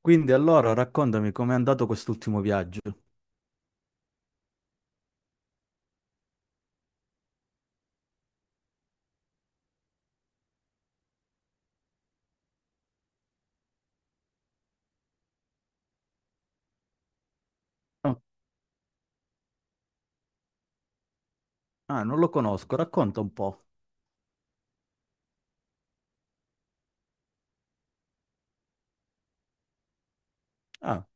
Quindi allora raccontami com'è andato quest'ultimo viaggio. Ah, ah, non lo conosco, racconta un po'. Ah,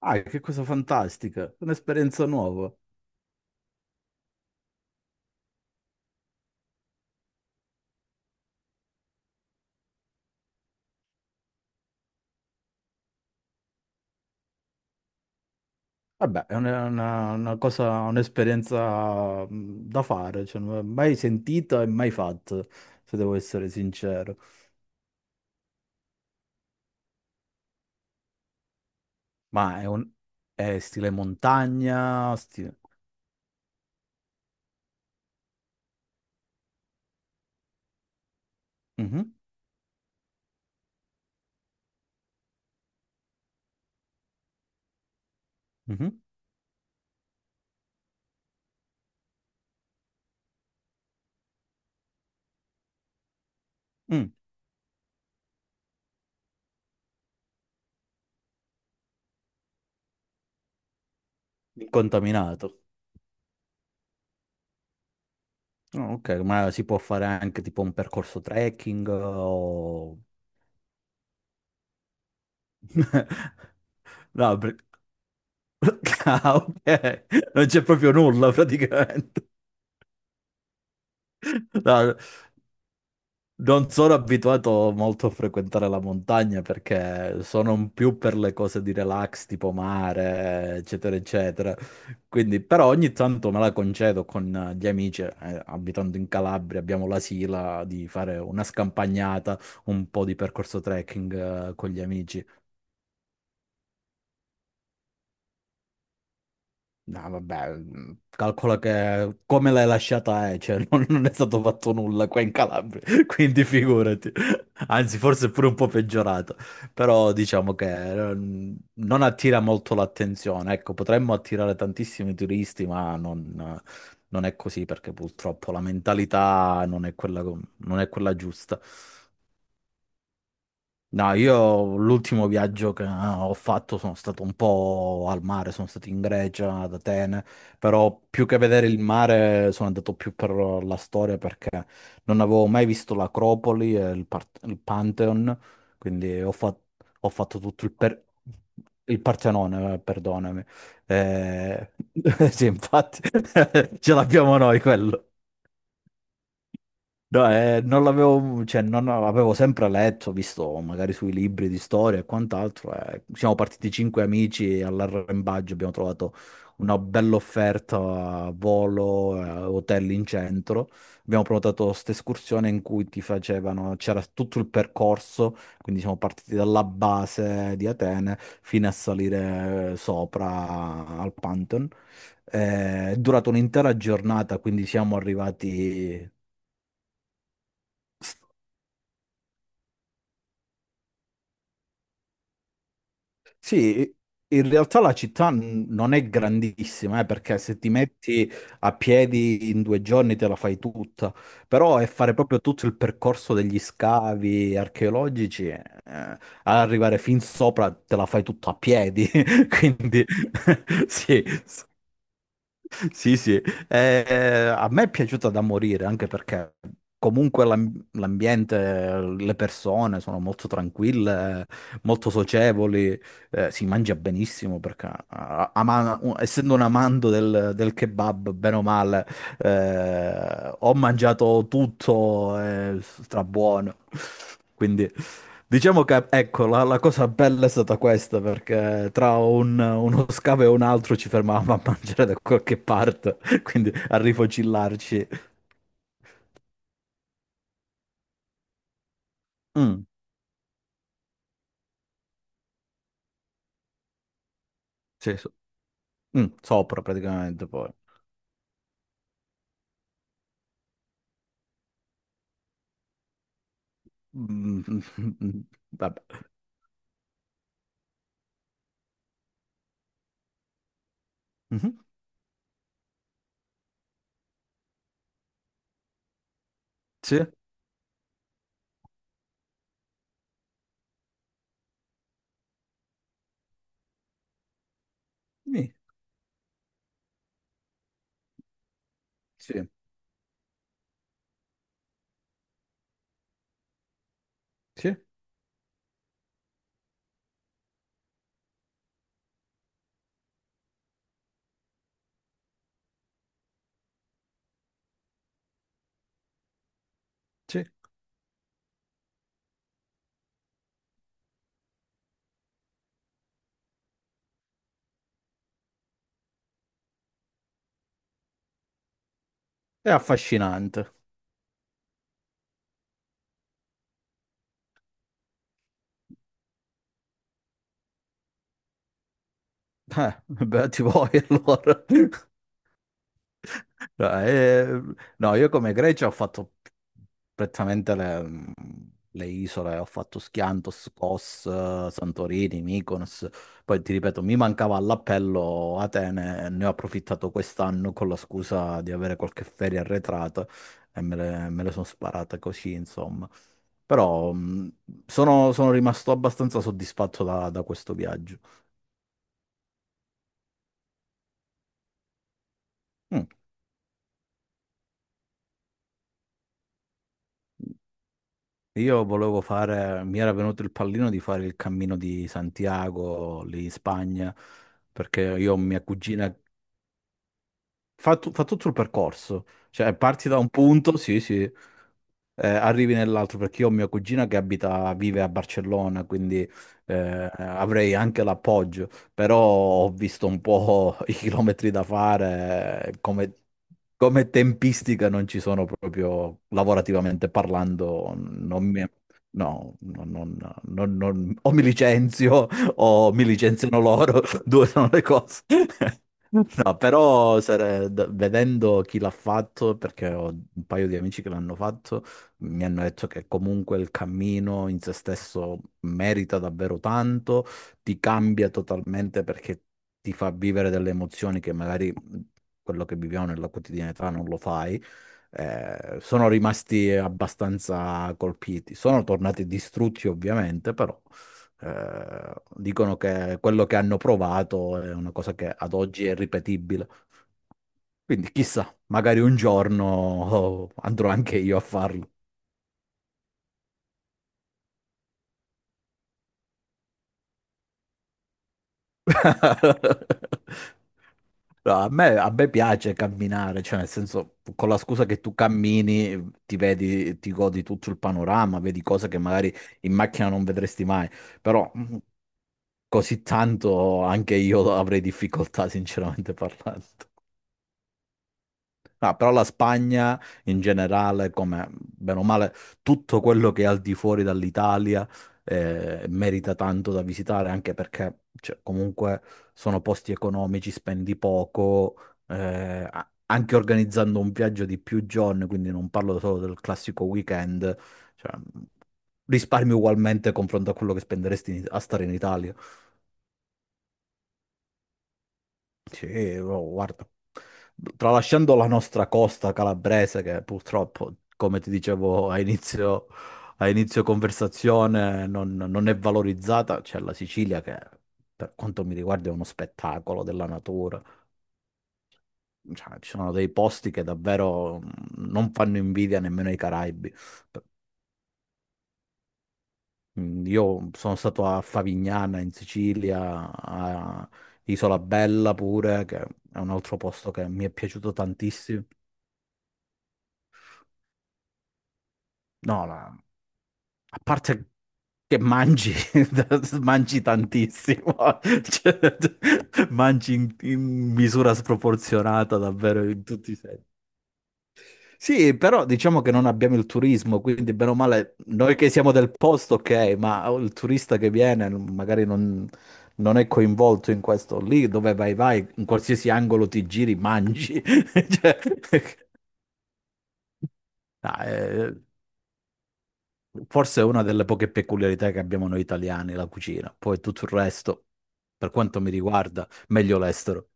ah, che cosa fantastica, un'esperienza nuova. Vabbè, è una cosa, un'esperienza da fare, cioè, non l'ho mai sentita e mai fatta, se devo essere sincero. Ma è stile montagna, stile... Mhm. Mhm. Mm. Incontaminato. Oh, ok, ma si può fare anche tipo un percorso trekking o... No, ah, ok. Non c'è proprio nulla praticamente. No, non sono abituato molto a frequentare la montagna perché sono un più per le cose di relax, tipo mare, eccetera, eccetera. Quindi, però ogni tanto me la concedo con gli amici, abitando in Calabria, abbiamo la sila di fare una scampagnata, un po' di percorso trekking, con gli amici. No, vabbè, calcola che come l'hai lasciata è, cioè non, non è stato fatto nulla qua in Calabria, quindi figurati. Anzi, forse è pure un po' peggiorata, però diciamo che non attira molto l'attenzione. Ecco, potremmo attirare tantissimi turisti, ma non è così perché purtroppo la mentalità non è quella, non è quella giusta. No, io l'ultimo viaggio che ho fatto sono stato un po' al mare, sono stato in Grecia, ad Atene, però più che vedere il mare sono andato più per la storia perché non avevo mai visto l'Acropoli e il Pantheon, quindi ho fatto tutto il Partenone, perdonami. Eh, Sì, infatti, ce l'abbiamo noi quello. No, non l'avevo, cioè, non avevo sempre letto, visto magari sui libri di storia e quant'altro. Siamo partiti cinque amici e all'arrembaggio abbiamo trovato una bella offerta a volo, hotel in centro. Abbiamo prenotato questa escursione in cui ti facevano, c'era tutto il percorso, quindi siamo partiti dalla base di Atene fino a salire sopra al Pantheon. È durata un'intera giornata, quindi siamo arrivati. Sì, in realtà la città non è grandissima, perché se ti metti a piedi in 2 giorni te la fai tutta, però è fare proprio tutto il percorso degli scavi archeologici, ad arrivare fin sopra te la fai tutta a piedi, quindi sì, sì, sì, Eh, a me è piaciuta da morire anche perché comunque l'ambiente, le persone sono molto tranquille, molto socievoli, si mangia benissimo perché essendo un amante del kebab, bene o male, ho mangiato tutto, è strabuono. Quindi diciamo che ecco, la cosa bella è stata questa, perché tra uno scavo e un altro ci fermavamo a mangiare da qualche parte, quindi a rifocillarci. Mm, sì, sopra praticamente poi. Mm. Vabbè. Mhm. Sì, sì, sì, sì, sì. È affascinante. Beati voi allora. No, no, io come Grecia ho fatto prettamente le isole, ho fatto Skiathos, Kos, Santorini, Mykonos, poi ti ripeto, mi mancava all'appello Atene, e ne ho approfittato quest'anno con la scusa di avere qualche ferie arretrata e me le sono sparate così, insomma. Però sono rimasto abbastanza soddisfatto da questo viaggio. Mm. Io volevo fare, mi era venuto il pallino di fare il cammino di Santiago lì in Spagna, perché io ho mia cugina fa tutto il percorso, cioè parti da un punto, sì, sì, arrivi nell'altro perché io ho mia cugina che abita, vive a Barcellona, quindi eh, avrei anche l'appoggio, però ho visto un po' i chilometri da fare, come, come tempistica non ci sono proprio, lavorativamente parlando, non mi... No, o mi licenzio o mi licenziano loro, due sono le cose. No, però vedendo chi l'ha fatto, perché ho un paio di amici che l'hanno fatto, mi hanno detto che comunque il cammino in se stesso merita davvero tanto, ti cambia totalmente perché ti fa vivere delle emozioni che magari quello che viviamo nella quotidianità non lo fai. Sono rimasti abbastanza colpiti. Sono tornati distrutti, ovviamente, però. Dicono che quello che hanno provato è una cosa che ad oggi è ripetibile. Quindi chissà, magari un giorno andrò anche io a farlo. No, a me, piace camminare, cioè nel senso, con la scusa che tu cammini, ti vedi, ti godi tutto il panorama, vedi cose che magari in macchina non vedresti mai, però così tanto anche io avrei difficoltà, sinceramente parlando. No, però la Spagna in generale, come bene o male, tutto quello che è al di fuori dall'Italia merita tanto da visitare, anche perché cioè, comunque sono posti economici, spendi poco, anche organizzando un viaggio di più giorni, quindi non parlo solo del classico weekend, cioè, risparmi ugualmente confronto a quello che spenderesti in- a stare in Italia. Sì, oh, guarda, tralasciando la nostra costa calabrese, che purtroppo, come ti dicevo a inizio conversazione, non è valorizzata, c'è la Sicilia che, per quanto mi riguarda, è uno spettacolo della natura. Cioè, ci sono dei posti che davvero non fanno invidia nemmeno ai Caraibi. Mm. Io sono stato a Favignana, in Sicilia, a Isola Bella pure, che è un altro posto che mi è piaciuto tantissimo. No, a parte che mangi, mangi tantissimo, cioè, mangi in misura sproporzionata davvero in tutti i sensi. Sì, però diciamo che non abbiamo il turismo, quindi bene o male noi che siamo del posto, ok, ma il turista che viene magari non è coinvolto in questo. Lì dove vai, vai, in qualsiasi angolo ti giri, mangi. Cioè, no, forse è una delle poche peculiarità che abbiamo noi italiani, la cucina. Poi tutto il resto, per quanto mi riguarda, meglio l'estero.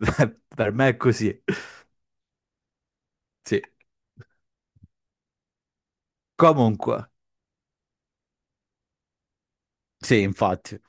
Per me è così. Sì. Comunque, sì, infatti.